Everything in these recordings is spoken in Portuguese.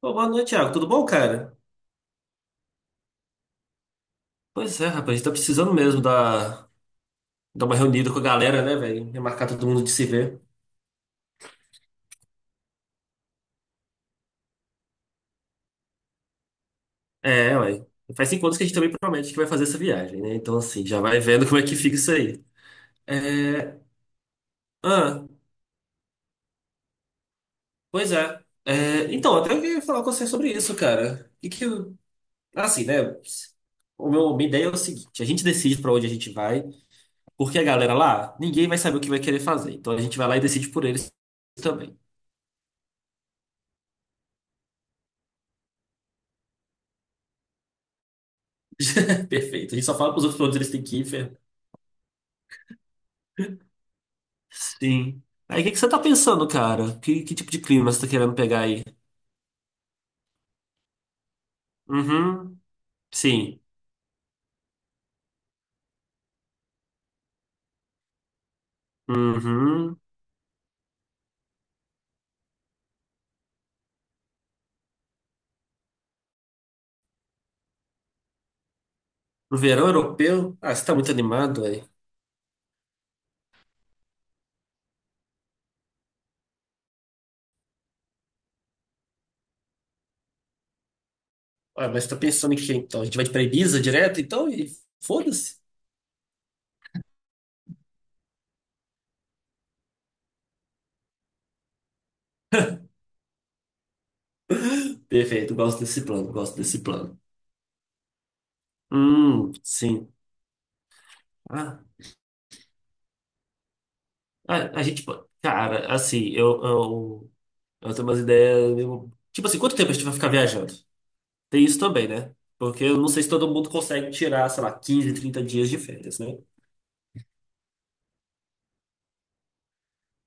Pô, boa noite, Thiago. Tudo bom, cara? Pois é, rapaz, a gente tá precisando mesmo dar uma reunida com a galera, né, velho? Remarcar todo mundo de se ver. É, ué. Faz 5 anos que a gente também promete que vai fazer essa viagem, né? Então, assim, já vai vendo como é que fica isso aí. É. Ah, pois é. É, então, até eu queria falar com você sobre isso, cara. E que, assim, né? Minha ideia é o seguinte: a gente decide pra onde a gente vai, porque a galera lá, ninguém vai saber o que vai querer fazer. Então, a gente vai lá e decide por eles também. Perfeito. A gente só fala pros outros pra onde eles têm que ir, Fer. Sim. Aí, o que que você tá pensando, cara? Que tipo de clima você tá querendo pegar aí? Uhum. Sim. Uhum. No verão europeu? Ah, você tá muito animado, velho. Ah, mas você tá pensando em quê, então? A gente vai pra Ibiza direto, então? E foda-se. Perfeito, gosto desse plano, gosto desse plano. Sim. Ah, a gente, pô, cara, assim, eu tenho umas ideias. Tipo assim, quanto tempo a gente vai ficar viajando? Tem isso também, né? Porque eu não sei se todo mundo consegue tirar, sei lá, 15 30 dias de férias, né?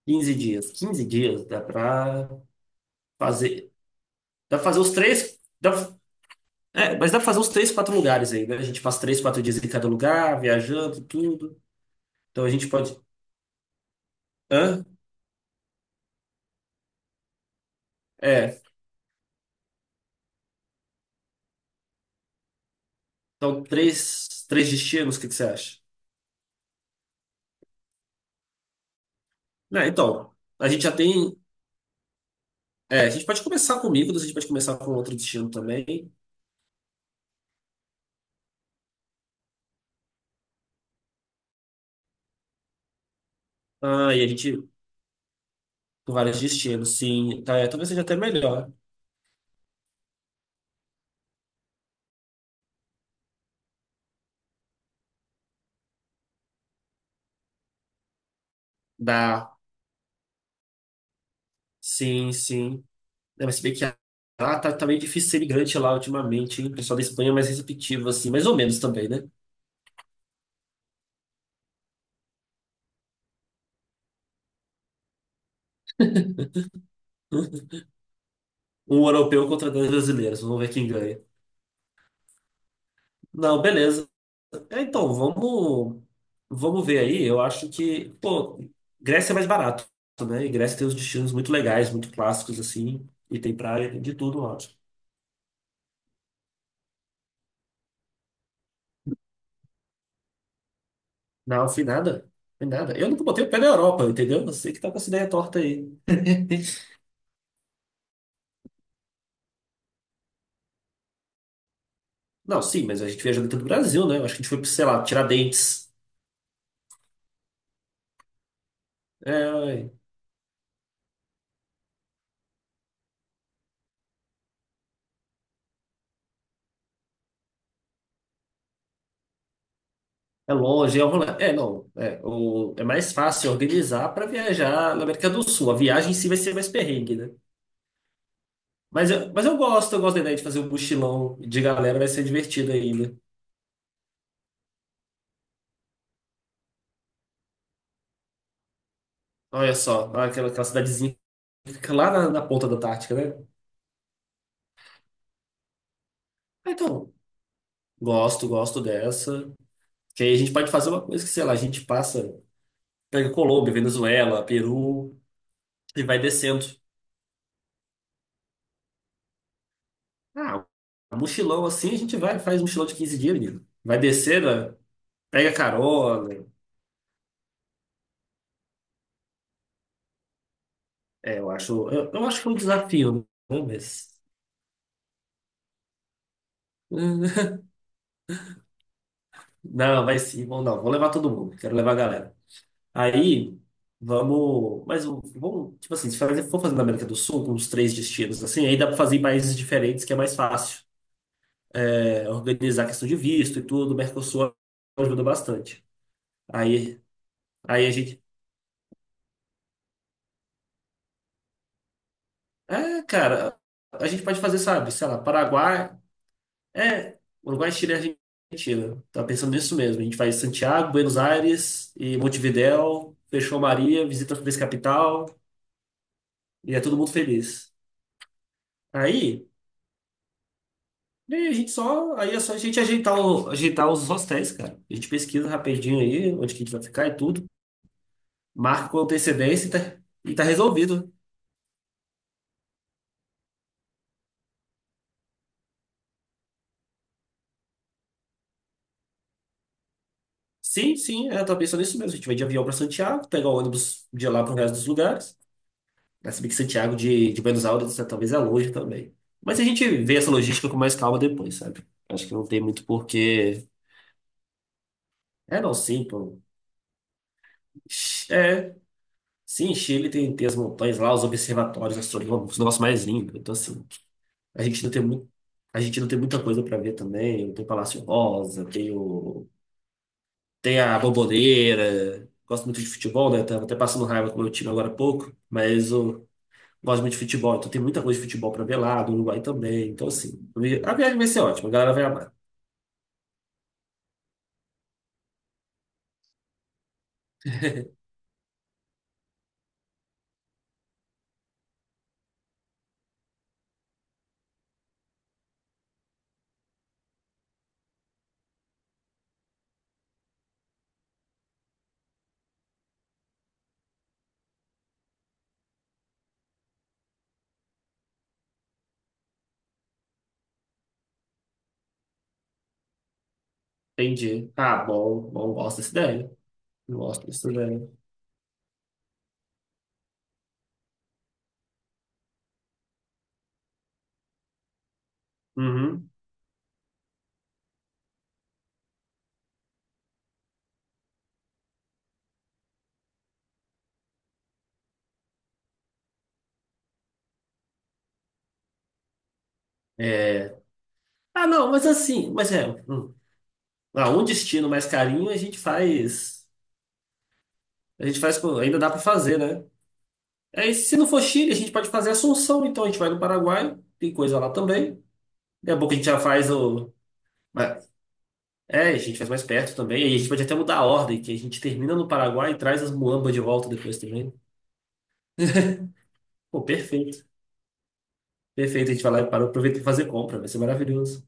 15 dias. 15 dias dá pra fazer. Dá pra fazer os três. Dá, é, mas dá pra fazer os três, quatro lugares aí, né? A gente passa 3, 4 dias em cada lugar, viajando, tudo. Então a gente pode. Hã? É. Então, três destinos, o que que você acha? Né, então, a gente já tem. É, a gente pode começar com Mykonos, a gente pode começar com outro destino também. Ah, e a gente. Com vários destinos, sim. Tá, é, talvez seja até melhor. Dá. Sim, sim. É, mas se bem que ah, tá meio difícil ser imigrante lá ultimamente, hein? O pessoal da Espanha é mais receptivo, assim, mais ou menos também, né? Um europeu contra dois brasileiros, vamos ver quem ganha. Não, beleza. É, então, vamos ver aí. Eu acho que, pô, Grécia é mais barato, né? E Grécia tem uns destinos muito legais, muito clássicos, assim, e tem praia, tem de tudo lá. Não, fui nada. Fui nada. Eu nunca botei o pé na Europa, entendeu? Você que tá com essa ideia torta aí. Não, sim, mas a gente viajou dentro do Brasil, né? Eu acho que a gente foi, pra, sei lá, Tiradentes. É, é longe, é, um rolê. É não, é, é mais fácil organizar para viajar na América do Sul. A viagem em si vai ser mais perrengue, né? Mas eu gosto, eu gosto da ideia de fazer um mochilão de galera, vai ser divertido ainda. Olha só, aquela cidadezinha que fica lá na ponta da Antártica, né? Ah, então, gosto, gosto dessa. Que aí a gente pode fazer uma coisa que, sei lá, a gente passa, pega Colômbia, Venezuela, Peru e vai descendo. Ah, mochilão assim, a gente vai, faz um mochilão de 15 dias, menino. Vai descendo. Pega a Carola. É, eu acho que é um desafio, né? Mas. Não, vai sim, vamos não. Vou levar todo mundo. Quero levar a galera. Aí, vamos. Mas vamos, tipo assim, se for fazer na América do Sul, com uns três destinos, assim, aí dá pra fazer em países diferentes, que é mais fácil. É, organizar a questão de visto e tudo, o Mercosul ajuda bastante. Aí, aí a gente. É, cara, a gente pode fazer, sabe, sei lá, Paraguai. É, Uruguai, Chile e Argentina. Tava pensando nisso mesmo. A gente faz Santiago, Buenos Aires e Montevidéu, fechou Maria, visita as três capital e é todo mundo feliz. Aí, aí a gente só, aí é só a gente ajeitar, ajeitar os hostéis, cara. A gente pesquisa rapidinho aí onde que a gente vai ficar e tudo, marca com antecedência e tá resolvido. Sim, sim, eu tava pensando nisso mesmo. A gente vai de avião para Santiago, pegar o ônibus de lá para o resto dos lugares. Ah, se bem que Santiago de Buenos Aires né, talvez é longe também. Mas a gente vê essa logística com mais calma depois, sabe? Acho que não tem muito porquê. É, não, sim, pô. É. Sim, Chile tem as montanhas lá, os observatórios astronômicos, o negócio mais lindo. Então, assim, a gente não tem muito, a gente não tem muita coisa para ver também. Tem Palácio Rosa, tem a Bombonera. Gosto muito de futebol, né? Tava até passando raiva com o meu time agora há pouco. Mas o Gosto muito de futebol, então tem muita coisa de futebol pra ver lá, do Uruguai também. Então, assim, a viagem vai ser ótima, a galera vai amar. Entendi. Ah, bom, bom, gosto dessa ideia. Gosto dessa ideia. Uhum. É. Ah, não, mas assim, mas é. Hum. Ah, um destino mais carinho a gente faz. A gente faz. Ainda dá pra fazer, né? Aí, se não for Chile, a gente pode fazer Assunção, então a gente vai no Paraguai, tem coisa lá também. Daqui a pouco a gente já faz o. mas- É, a gente faz mais perto também. E a gente pode até mudar a ordem, que a gente termina no Paraguai e traz as muambas de volta depois também, né? Pô, perfeito. Perfeito. A gente vai lá e para, aproveita e fazer compra. Vai ser maravilhoso.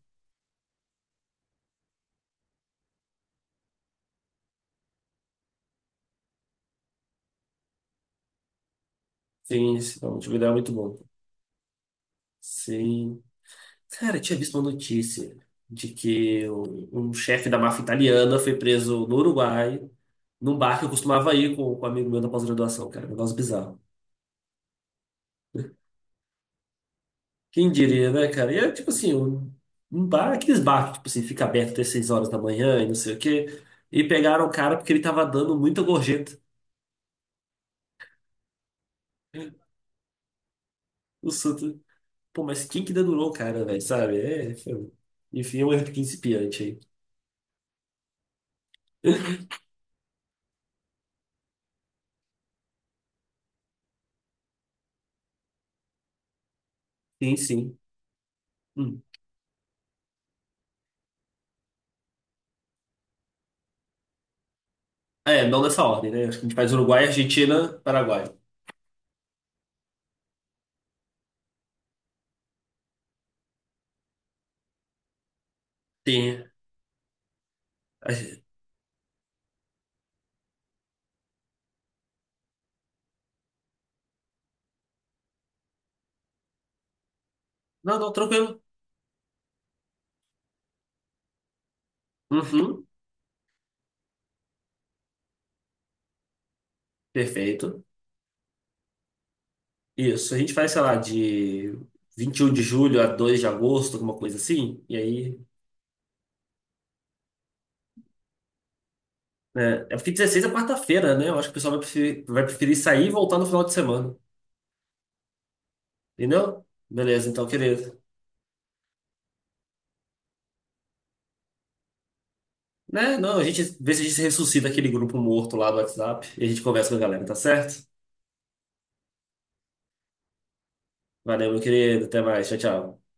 Sim, sim. Não, tive uma ideia muito bom. Sim. Cara, eu tinha visto uma notícia de que um chefe da máfia italiana foi preso no Uruguai, num bar que eu costumava ir com um amigo meu da pós-graduação, cara. Um negócio bizarro. Quem diria, né, cara? E é tipo assim, um bar, aqueles bar que tipo assim, fica aberto até 6 horas da manhã e não sei o quê. E pegaram o cara porque ele tava dando muita gorjeta. Pô, mas quem que dedurou o cara, velho, sabe? É, um, enfim, é um erro principiante aí. Sim, sim. Hum. É, não nessa ordem, né? Acho que a gente faz Uruguai, Argentina, Paraguai. Tem. a gen- Não, não, tranquilo. Uhum, perfeito. Isso, a gente faz, sei lá, de 21 de julho a 2 de agosto, alguma coisa assim. E aí. Né? É porque 16 é quarta-feira, né? Eu acho que o pessoal vai preferir sair e voltar no final de semana. Entendeu? Beleza, então, querido. Né? Não, a gente vê se a gente ressuscita aquele grupo morto lá do WhatsApp e a gente conversa com a galera, tá certo? Valeu, meu querido. Até mais. Tchau, tchau.